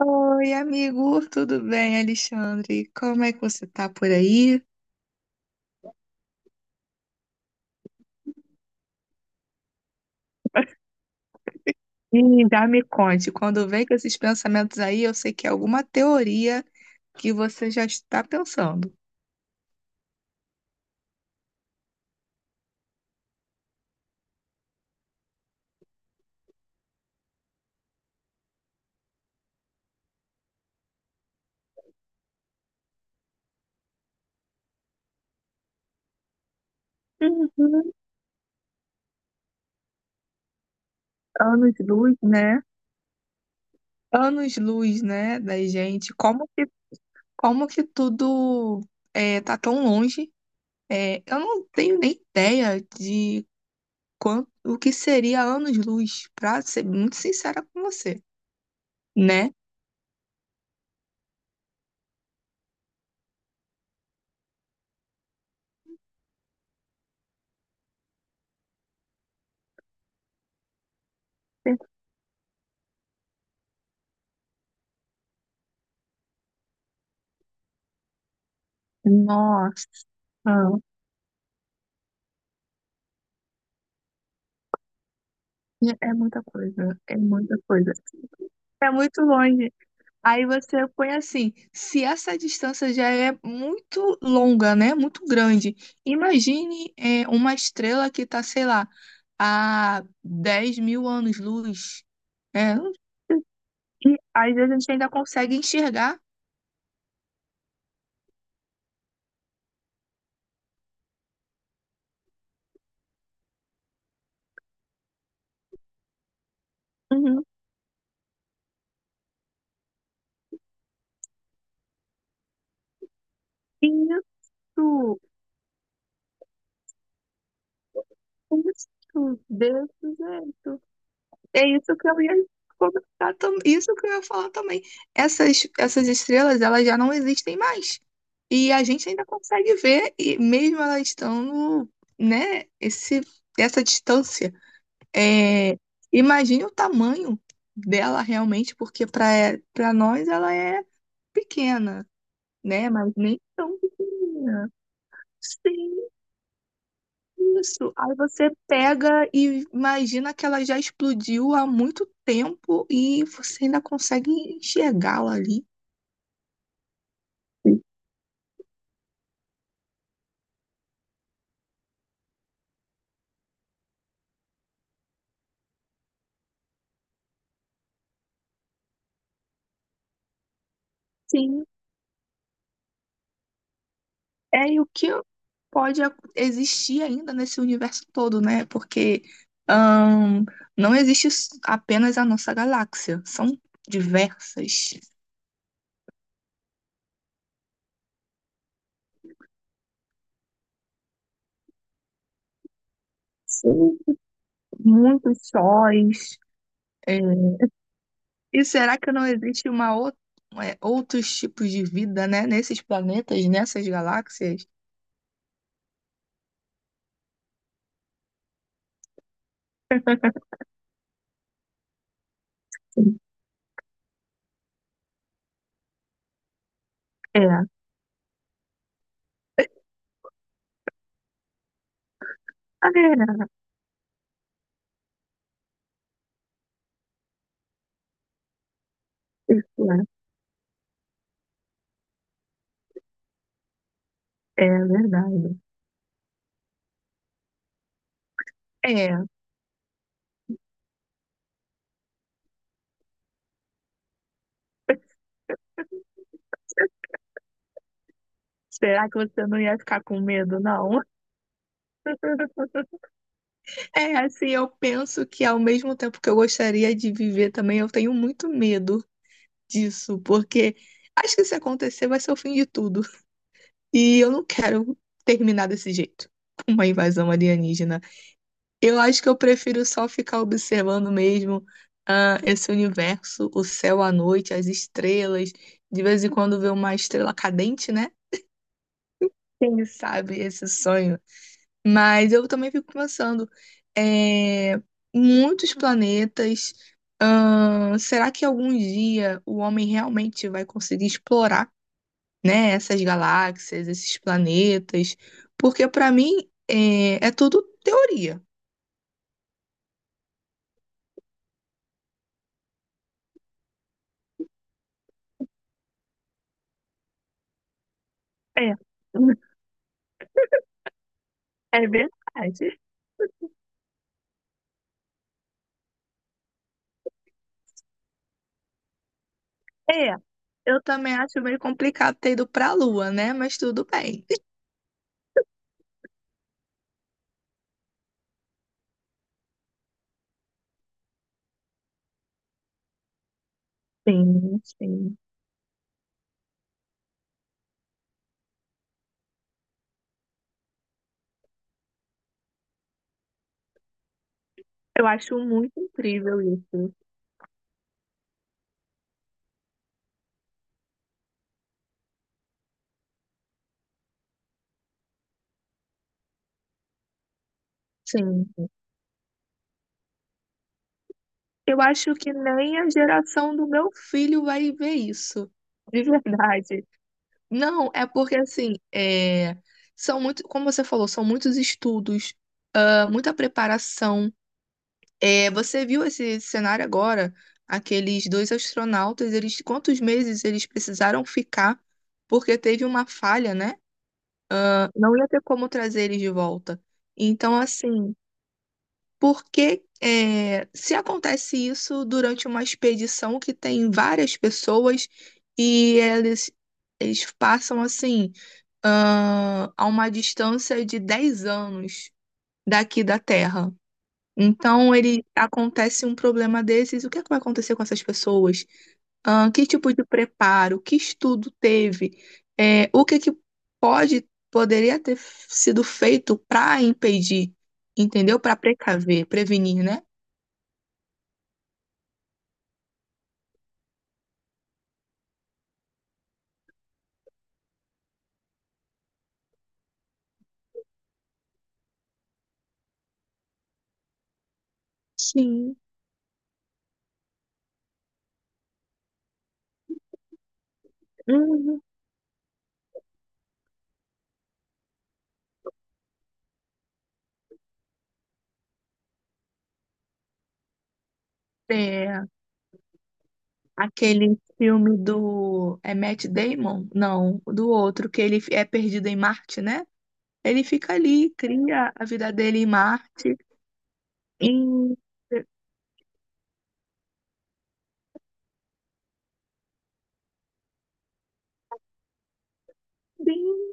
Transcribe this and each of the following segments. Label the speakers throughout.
Speaker 1: Oi, amigo, tudo bem, Alexandre? Como é que você tá por aí? Ih, já me conte, quando vem com esses pensamentos aí, eu sei que é alguma teoria que você já está pensando. Uhum. Anos-luz, né? Anos-luz, né, da gente. Como que tudo é, tá tão longe? É, eu não tenho nem ideia de quanto, o que seria anos-luz, pra ser muito sincera com você, né? Nossa. É muita coisa, é muita coisa. É muito longe. Aí você põe assim, se essa distância já é muito longa, né? Muito grande. Imagine é, uma estrela que está, sei lá, a 10 mil anos-luz. É, e às vezes a gente ainda consegue enxergar. Uhum. Isso, isso, desse jeito. É isso que eu ia comentar também. Isso que eu ia falar também. Essas estrelas, elas já não existem mais. E a gente ainda consegue ver, e mesmo elas estando, né, essa distância. É, imagine o tamanho dela realmente, porque para nós ela é pequena, né? Mas nem tão pequena. Sim. Isso. Aí você pega e imagina que ela já explodiu há muito tempo e você ainda consegue enxergá-la ali. Sim, é e o que pode existir ainda nesse universo todo, né? Porque ahn, não existe apenas a nossa galáxia, são diversas. Sim. Muitos sóis. É. E será que não existe é, outros tipos de vida, né? Nesses planetas, nessas galáxias? É, é, é, é verdade. É, será que você não ia ficar com medo, não? É, assim, eu penso que ao mesmo tempo que eu gostaria de viver também, eu tenho muito medo disso, porque acho que se acontecer vai ser o fim de tudo. E eu não quero terminar desse jeito, uma invasão alienígena. Eu acho que eu prefiro só ficar observando mesmo, ah, esse universo, o céu à noite, as estrelas, de vez em quando ver uma estrela cadente, né? Quem sabe esse sonho? Mas eu também fico pensando, é, muitos planetas, será que algum dia o homem realmente vai conseguir explorar, né, essas galáxias, esses planetas? Porque para mim é tudo teoria. É, é verdade. É, eu também acho meio complicado ter ido para a Lua, né? Mas tudo bem. Sim, sim. Eu acho muito incrível isso. Sim. Eu acho que nem a geração do meu filho vai ver isso, de verdade. Não, é porque assim, é, são muito, como você falou, são muitos estudos, ah, muita preparação. É, você viu esse cenário agora? Aqueles dois astronautas, eles quantos meses eles precisaram ficar porque teve uma falha, né? Não ia ter como trazer eles de volta. Então, assim. Porque é, se acontece isso durante uma expedição que tem várias pessoas e eles passam assim ah, a uma distância de 10 anos daqui da Terra. Então ele acontece um problema desses, o que é que vai acontecer com essas pessoas? Ah, que tipo de preparo, que estudo teve? É, o que é que pode poderia ter sido feito para impedir, entendeu? Para precaver, prevenir, né? Sim. Uhum. É, aquele filme do. É Matt Damon? Não, do outro, que ele é perdido em Marte, né? Ele fica ali, cria a vida dele em Marte. E. Sim.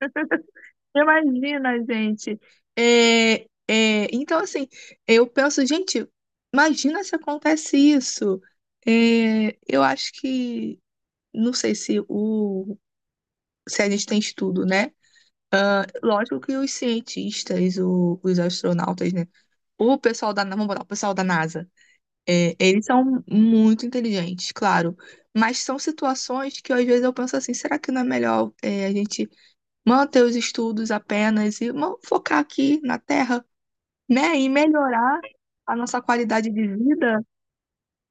Speaker 1: Imagina, gente. É, então, assim, eu penso, gente, imagina se acontece isso. É, eu acho que. Não sei se o. Se a gente tem estudo, né? Lógico que os cientistas, os astronautas, né? O pessoal da, vamos botar, o pessoal da NASA, é, eles são muito inteligentes, claro. Mas são situações que às vezes eu penso assim, será que não é melhor é, a gente manter os estudos apenas e vamos focar aqui na Terra, né? E melhorar a nossa qualidade de vida,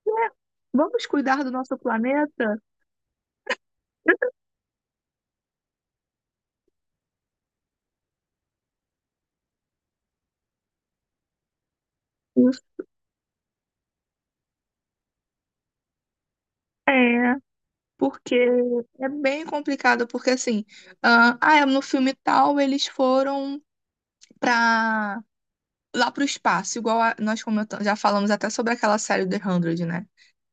Speaker 1: né? Vamos cuidar do nosso planeta? Isso. É, porque é bem complicado, porque assim, ah, é, no filme tal eles foram para lá para o espaço, igual nós comentamos, já falamos até sobre aquela série The 100, né?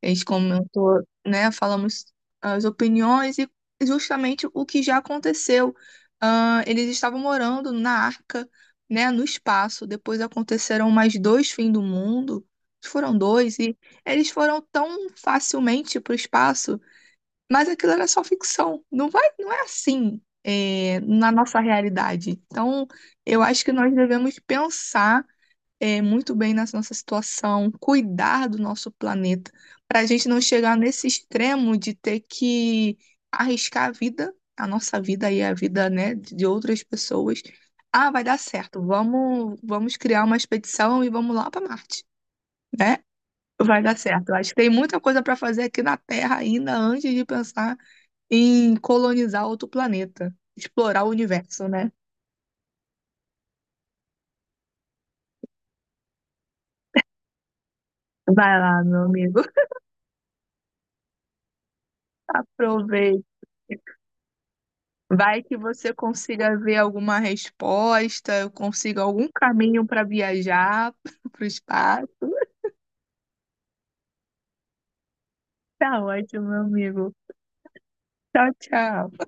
Speaker 1: A gente comentou, né? Falamos ah, as opiniões e justamente o que já aconteceu. Ah, eles estavam morando na arca, né? No espaço. Depois aconteceram mais dois fins do mundo. Foram dois e eles foram tão facilmente para o espaço mas aquilo era só ficção. Não vai, não é assim, é, na nossa realidade. Então, eu acho que nós devemos pensar, é, muito bem nessa nossa situação, cuidar do nosso planeta, para a gente não chegar nesse extremo de ter que arriscar a vida, a nossa vida e a vida, né, de outras pessoas. Ah, vai dar certo. Vamos, vamos criar uma expedição e vamos lá para Marte, né? Vai dar certo. Eu acho que tem muita coisa para fazer aqui na Terra ainda antes de pensar em colonizar outro planeta, explorar o universo, né? Vai lá, meu amigo. Aproveita. Vai que você consiga ver alguma resposta, consiga algum caminho para viajar para o espaço. Tá ótimo, meu amigo. Tchau, tchau.